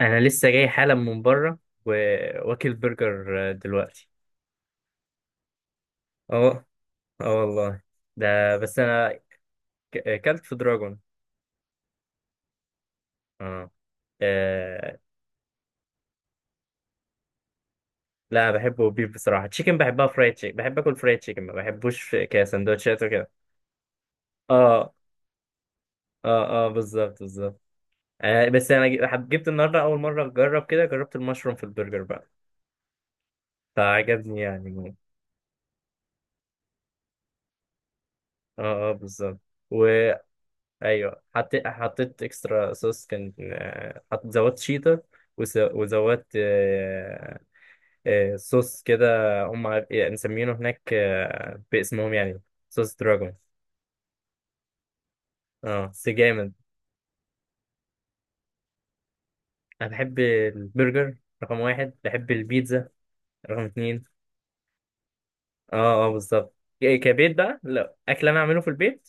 انا لسه جاي حالا من بره وواكل برجر دلوقتي. اه. اه والله. ده بس انا اكلت في دراجون. اه. آه. لا بحبه بيف، بصراحه تشيكن بحبها فرايد تشيكن، بحب اكل فرايد تشيكن ما بحبوش كسندوتشات وكده. اه اه. اه، بالظبط بالظبط. بس انا جبت النهارده اول مره اجرب كده، جربت المشروم في البرجر بقى. فعجبني يعني. اه. اه، بالظبط. ايوه، حطيت اكسترا صوص، كان زودت شيطه. وزودت صوص كده. يعني مسمينه هناك باسمهم يعني. صوص دراجون. اه، بس جامد. انا بحب البرجر. رقم واحد. بحب البيتزا. رقم اتنين. اه. اه، بالظبط. كبيت بقى لا، اكل انا اعمله في البيت.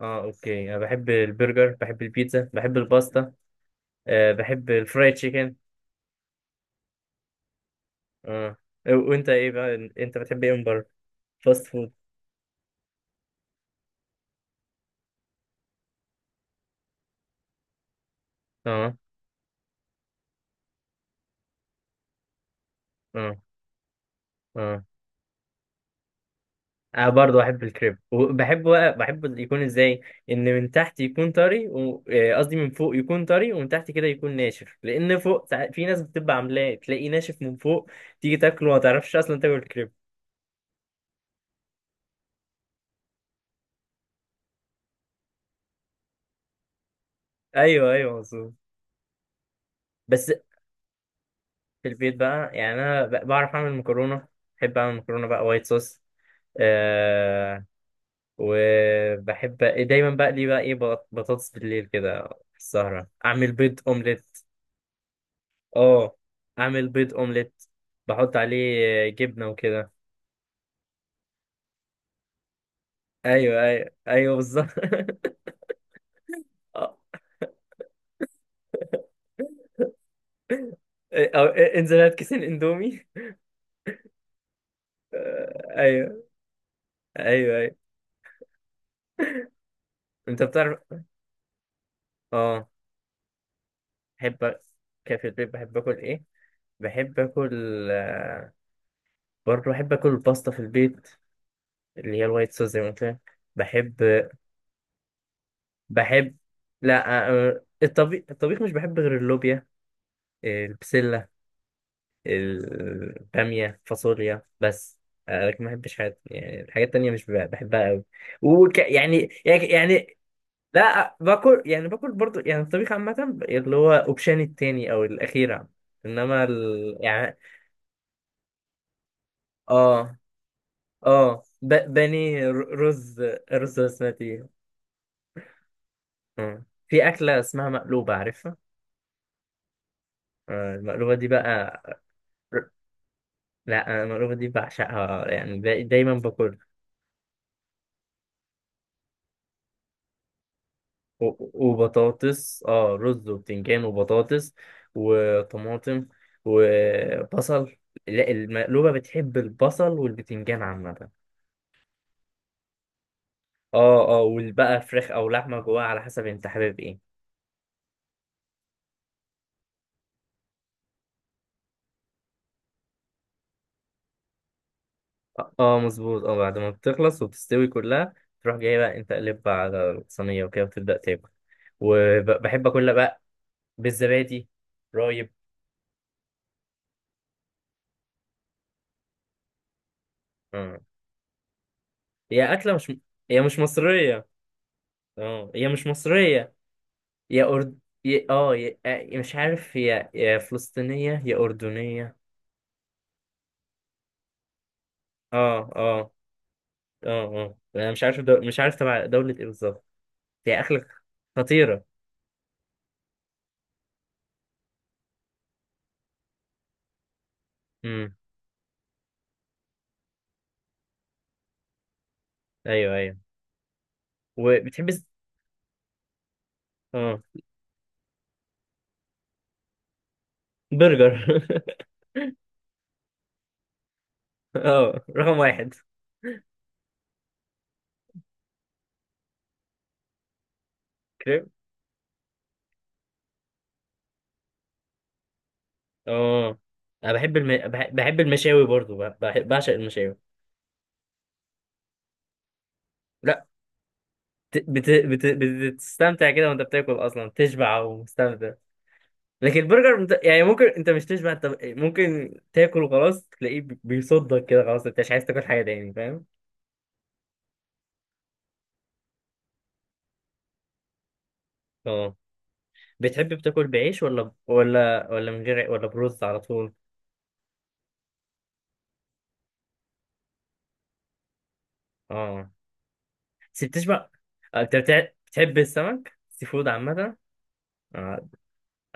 اه، اوكي. انا بحب البرجر، بحب البيتزا، بحب الباستا. بحب الفرايد تشيكن. اه. وانت ايه بقى، انت بتحب ايه من بره؟ فاست فود. اه. اه. اه. انا برضه بحب الكريب، وبحب بقى بحب يكون ازاي. ان من تحت يكون طري قصدي من فوق يكون طري، ومن تحت كده يكون ناشف. لان فوق في ناس بتبقى عاملاه تلاقيه ناشف من فوق. تيجي تاكله ما تعرفش اصلا تاكل الكريب. ايوه. ايوه، مظبوط. بس. في البيت بقى يعني انا بعرف اعمل مكرونه. بحب اعمل مكرونه بقى وايت صوص. أه. وبحب. دايما بقى لي بقى ايه بطاطس بالليل كده في السهره، اعمل بيض اومليت. اه. اعمل بيض اومليت. بحط عليه جبنه وكده. ايوه. ايوه. ايوه، بالظبط. آه. إيه، او إيه، انزل هات كيسين اندومي. آه. ايوه. ايوه. ايوه. انت بتعرف. اه. بحب. كده في البيت بحب اكل ايه؟ بحب اكل. برضه بحب اكل الباستا في البيت. اللي هي الوايت صوص زي ما قلت لك، بحب. بحب. لا، الطبيخ مش بحب غير اللوبيا. البسله. البامية، فاصوليا بس. لكن ما بحبش حاجات، يعني الحاجات التانية مش بحبها قوي. وك يعني يعني يعني، لا، باكل يعني، باكل برضو يعني الطبيخ عامة اللي هو اوبشن التاني او الاخيرة. انما يعني. اه. اه. بانيه، رز رز بسمتي. آه. في أكلة اسمها مقلوبة، عارفها؟ المقلوبة دي بقى. لا أنا المقلوبة دي بعشقها، يعني دايما باكلها. وبطاطس، رز وبتنجان وبطاطس. وطماطم. وبصل. لا، المقلوبة بتحب البصل والبتنجان عامة. اه. اه، والبقى فراخ او لحمة جواها على حسب انت حابب ايه. اه. مظبوط. اه بعد ما بتخلص وبتستوي كلها، تروح جاي بقى انت قلبها على الصينية وكده وتبدأ تاكل. وبحب اكلها بقى. بالزبادي. رايب. اه. هي اكلة مش. هي مش مصرية. اه، هي مش مصرية. يا أرد. يا مش عارف، يا فلسطينية يا أردنية. اه. اه. اه. اه، انا مش عارف مش عارف تبع دولة ايه بالظبط. هي أكلة. خطيرة. امم. ايوه. ايوه. وبتحب. اه. برجر. اه، رقم واحد. كريب. اه، انا بحب بحب المشاوي برضو، بعشق المشاوي. لا. بت... بت... بت... بتستمتع كده وانت بتاكل، اصلا تشبع ومستمتع. لكن البرجر يعني ممكن انت مش تشبع. انت ممكن تاكل وخلاص تلاقيه بيصدك كده، خلاص انت مش عايز تاكل حاجه تاني، فاهم؟ اه. بتحب بتاكل بعيش ولا من غير ولا برز على طول؟ اه، بس بتشبع. اه، انت بتحب السمك، سي فود عامه؟ اه.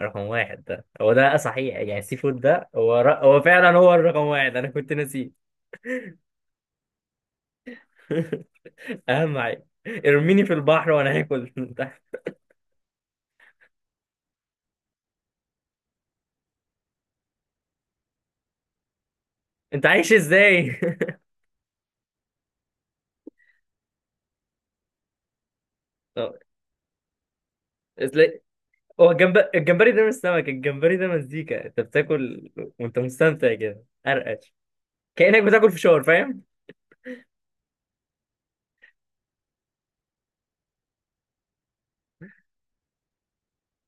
رقم واحد، ده هو ده صحيح. يعني السي فود ده هو فعلا هو الرقم واحد، انا كنت ناسيه. اهم حاجه ارميني في البحر وانا هاكل. انت. انت عايش ازاي؟ اه. هو الجمبري ده مش سمك، الجمبري ده مزيكا انت بتاكل. وانت مستمتع كده، ارقش. كأنك بتاكل فشار، فاهم؟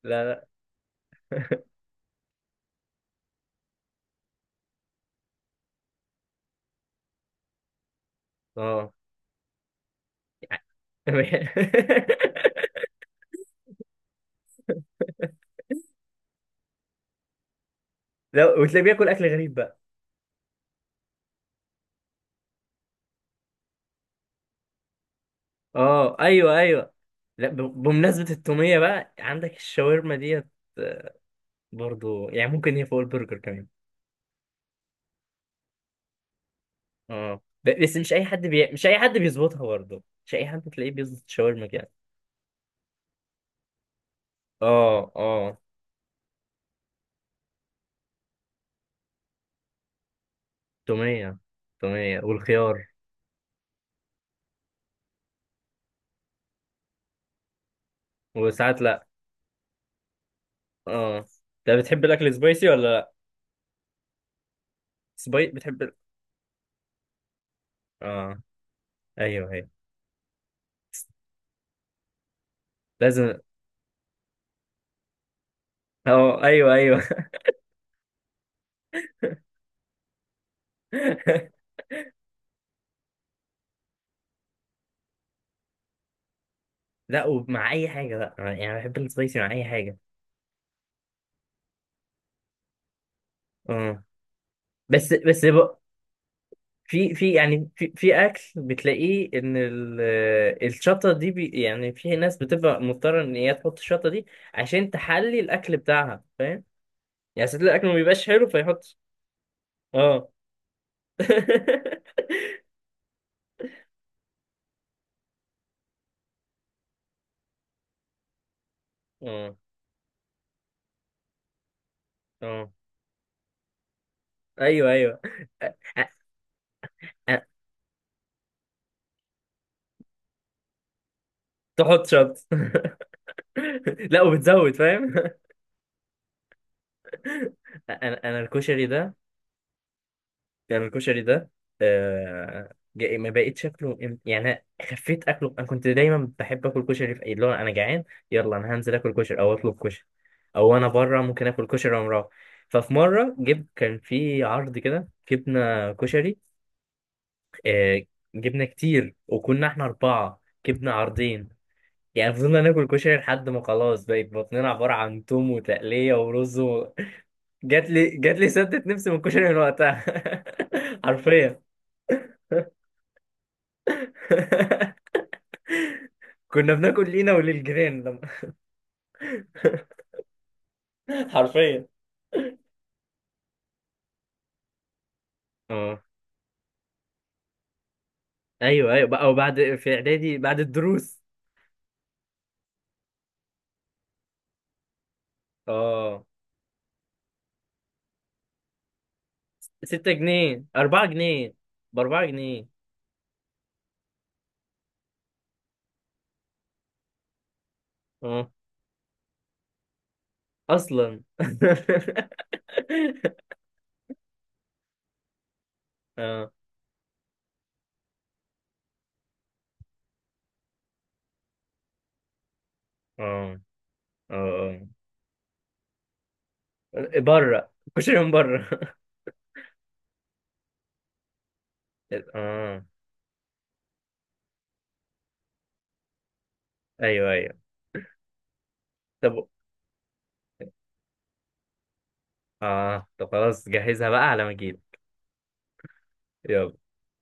لا، لا. اه. لا، وتلاقيه بياكل اكل غريب بقى. اه. ايوه. ايوه. لا، بمناسبة التومية بقى عندك الشاورما ديت. برضو يعني ممكن هي فوق البرجر كمان. اه، بس مش اي حد مش اي حد بيظبطها برضو، مش اي حد تلاقيه بيظبط الشاورما كده. اه. اه. تومية. تومية والخيار. وساعات لا. اه. ده بتحب الاكل سبايسي ولا لا؟ بتحب؟ اه. ايوه. ايوه، لازم. اه. ايوه. ايوه. لا، ومع اي حاجه بقى يعني بحب السبايسي مع اي حاجه. اه. بس بقى. في يعني في اكل بتلاقيه ان. الشطه دي يعني في ناس بتبقى مضطره ان هي تحط الشطه دي عشان تحلي الاكل بتاعها، فاهم؟ يعني ساعات الاكل ما بيبقاش حلو فيحط. اه. اه. اه. ايوه. ايوه. تحط شط. لا، وبتزود، فاهم؟ انا الكشري ده. انا الكشري ده. ما بقيت شكله. يعني أنا. خفيت اكله، انا كنت دايما بحب اكل كشري في اي، اللي هو انا جعان. يلا، انا هنزل اكل كشري او اطلب كشري. او انا بره ممكن اكل كشري وانا مروح. ففي مره جبت، كان في عرض كده، جبنا كشري. آه. جبنا كتير وكنا احنا 4. جبنا عرضين. يعني فضلنا ناكل كشري لحد ما خلاص، بقت بطننا عبارة عن توم وتقلية ورز. جات لي سدت نفسي من الكشري من وقتها. حرفيا. كنا بناكل لينا وللجيران لما. حرفيا. اه. ايوه. ايوه، بقى وبعد في اعدادي بعد الدروس. اه، 6 جنيه، 4 جنيه، ب 4 جنيه. اه، اصلا. اه. اه. اه. اه، بره. كشري من بره. اه. ايوه. ايوه. طب. خلاص جهزها بقى على ما اجيلك. يلا.